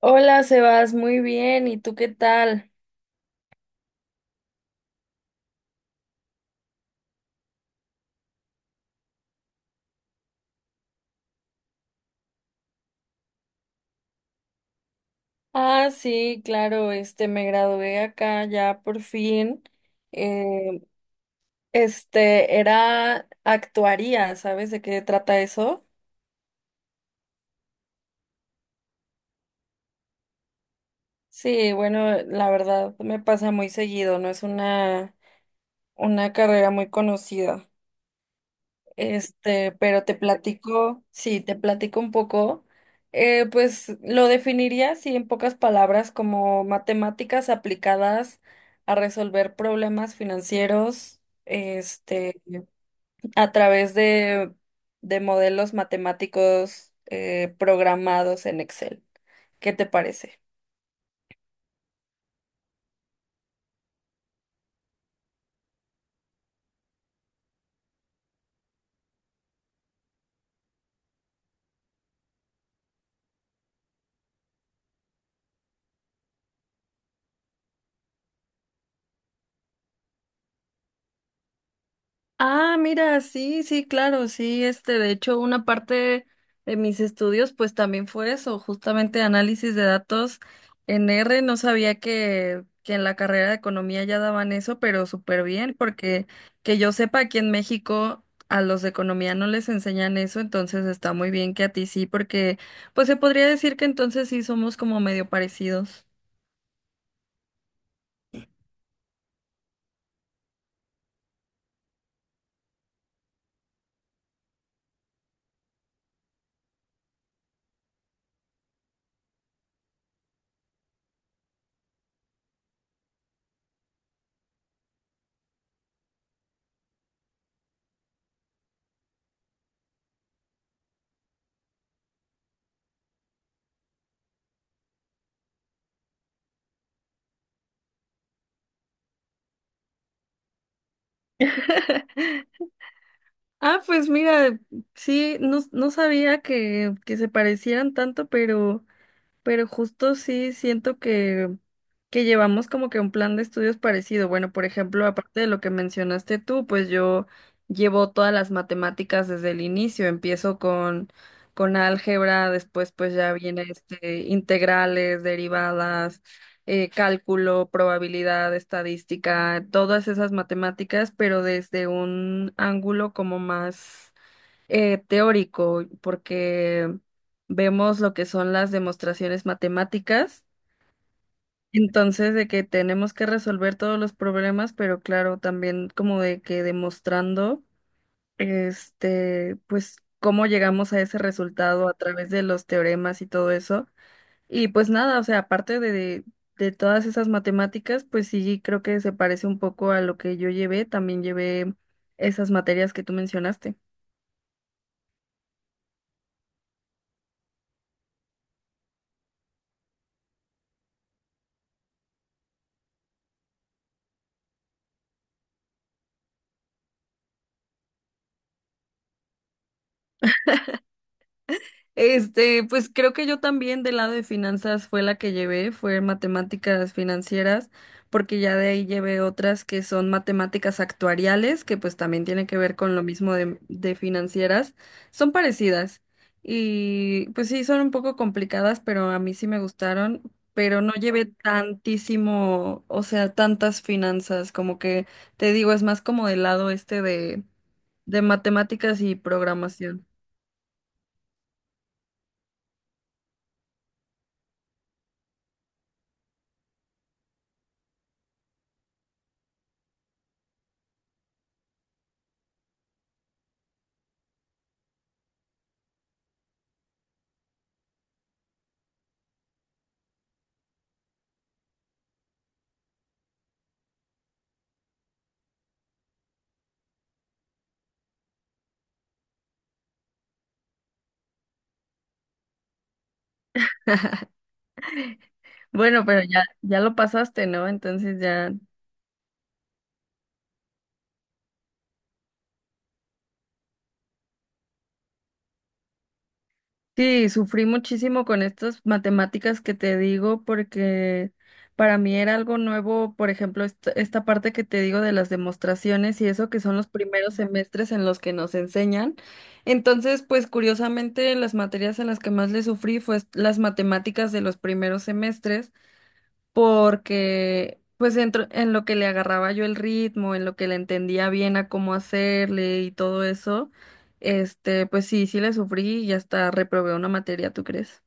Hola, Sebas, muy bien. ¿Y tú qué tal? Ah, sí, claro, me gradué acá ya por fin. Eh, Era actuaría, ¿sabes de qué trata eso? Sí, bueno, la verdad me pasa muy seguido, no es una carrera muy conocida. Pero te platico, sí, te platico un poco. Pues lo definiría así en pocas palabras como matemáticas aplicadas a resolver problemas financieros, a través de modelos matemáticos programados en Excel. ¿Qué te parece? Ah, mira, sí, sí, claro, sí, de hecho, una parte de mis estudios, pues también fue eso, justamente análisis de datos en R. No sabía que en la carrera de economía ya daban eso, pero súper bien, porque que yo sepa, aquí en México a los de economía no les enseñan eso, entonces está muy bien que a ti sí, porque pues se podría decir que entonces sí somos como medio parecidos. Ah, pues mira, sí, no, no sabía que se parecieran tanto, pero... Pero justo sí siento que llevamos como que un plan de estudios parecido. Bueno, por ejemplo, aparte de lo que mencionaste tú, pues yo llevo todas las matemáticas desde el inicio. Empiezo con álgebra, después pues ya viene integrales, derivadas, cálculo, probabilidad, estadística, todas esas matemáticas, pero desde un ángulo como más teórico, porque vemos lo que son las demostraciones matemáticas, entonces de que tenemos que resolver todos los problemas, pero claro, también como de que demostrando, pues cómo llegamos a ese resultado a través de los teoremas y todo eso. Y pues nada, o sea, aparte de todas esas matemáticas, pues sí, creo que se parece un poco a lo que yo llevé, también llevé esas materias que tú mencionaste. Pues creo que yo también del lado de finanzas fue la que llevé, fue matemáticas financieras, porque ya de ahí llevé otras que son matemáticas actuariales, que pues también tienen que ver con lo mismo de financieras, son parecidas y pues sí, son un poco complicadas, pero a mí sí me gustaron, pero no llevé tantísimo, o sea, tantas finanzas, como que te digo, es más como del lado de matemáticas y programación. Bueno, pero ya, ya lo pasaste, ¿no? Entonces ya. Sí, sufrí muchísimo con estas matemáticas que te digo porque para mí era algo nuevo, por ejemplo, esta parte que te digo de las demostraciones y eso que son los primeros semestres en los que nos enseñan. Entonces, pues curiosamente, las materias en las que más le sufrí fue las matemáticas de los primeros semestres, porque pues en lo que le agarraba yo el ritmo, en lo que le entendía bien a cómo hacerle y todo eso, pues sí, sí le sufrí y hasta reprobé una materia, ¿tú crees?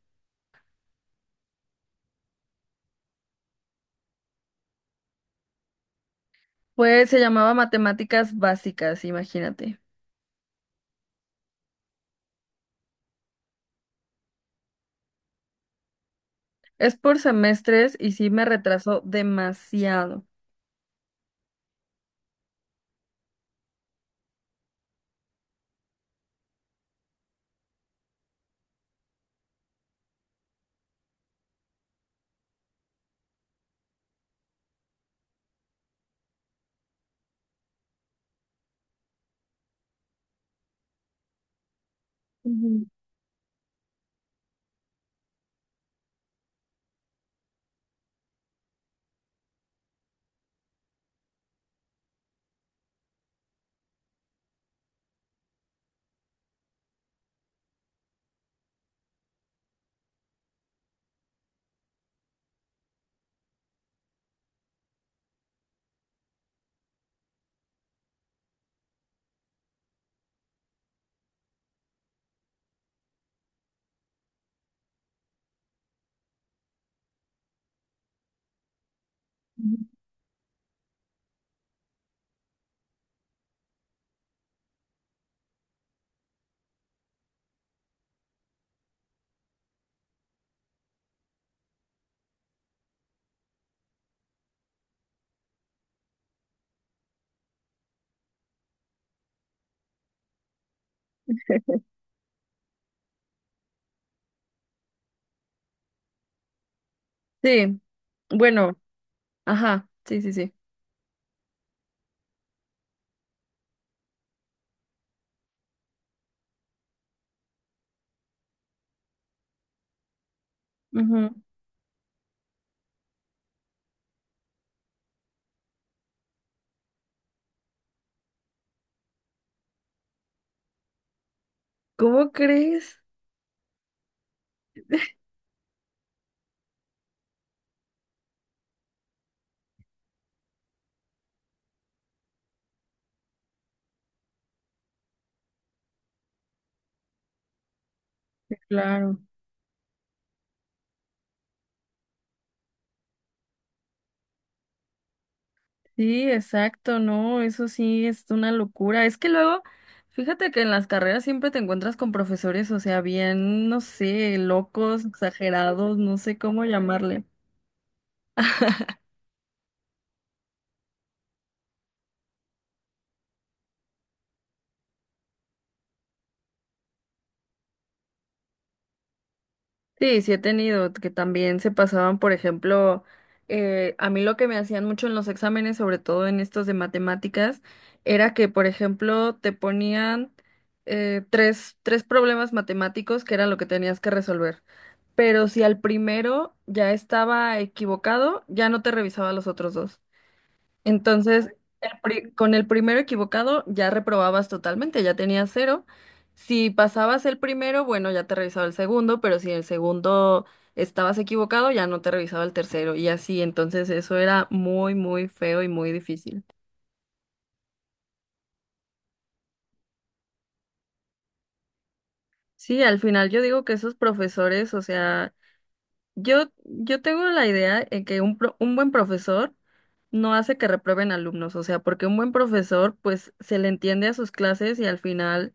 Pues se llamaba matemáticas básicas, imagínate. Es por semestres y sí me retrasó demasiado. Ujú, ujú. Sí, bueno, ajá, sí, sí, sí. Ujú. ¿Cómo crees? Claro. Sí, exacto, no, eso sí es una locura. Es que luego, fíjate que en las carreras siempre te encuentras con profesores, o sea, bien, no sé, locos, exagerados, no sé cómo llamarle. Sí, sí he tenido, que también se pasaban, por ejemplo, a mí lo que me hacían mucho en los exámenes, sobre todo en estos de matemáticas, era que, por ejemplo, te ponían tres problemas matemáticos que era lo que tenías que resolver, pero si al primero ya estaba equivocado, ya no te revisaba los otros dos. Entonces, con el primero equivocado ya reprobabas totalmente, ya tenías cero. Si pasabas el primero, bueno, ya te revisaba el segundo, pero si el segundo estabas equivocado, ya no te revisaba el tercero y así. Entonces, eso era muy, muy feo y muy difícil. Sí, al final yo digo que esos profesores, o sea... Yo tengo la idea de que un buen profesor no hace que reprueben alumnos, o sea, porque un buen profesor pues se le entiende a sus clases y al final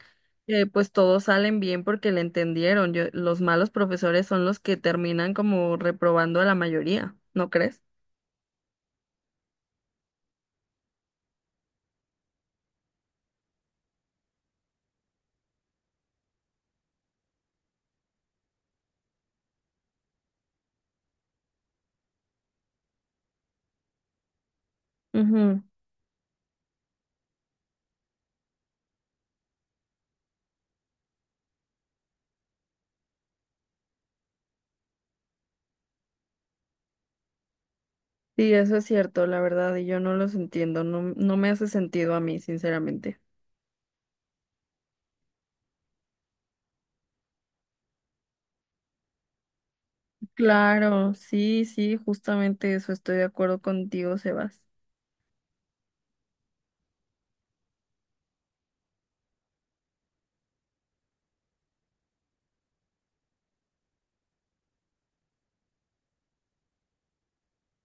pues todos salen bien porque le entendieron. Los malos profesores son los que terminan como reprobando a la mayoría, ¿no crees? Ujú. Sí, eso es cierto, la verdad, y yo no los entiendo, no, no me hace sentido a mí, sinceramente. Claro, sí, sí, justamente eso, estoy de acuerdo contigo, Sebas.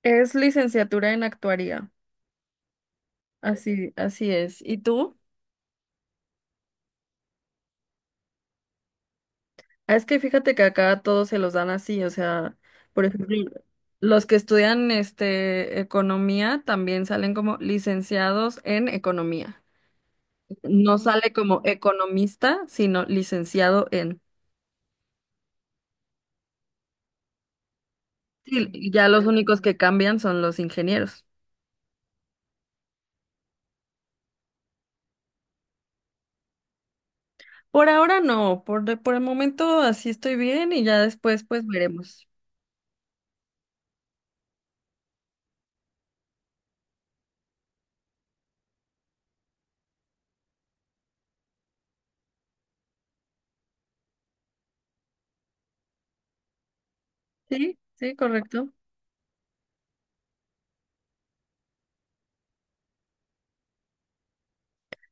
Es licenciatura en actuaría. Así, así es. ¿Y tú? Ah, es que fíjate que acá todos se los dan así, o sea, por ejemplo, los que estudian economía también salen como licenciados en economía. No sale como economista, sino licenciado en. Sí, ya los únicos que cambian son los ingenieros. Por ahora no, por el momento así estoy bien y ya después pues veremos. Sí, sí, correcto.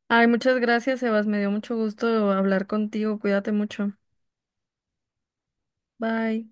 Ay, muchas gracias, Sebas. Me dio mucho gusto hablar contigo. Cuídate mucho. Bye.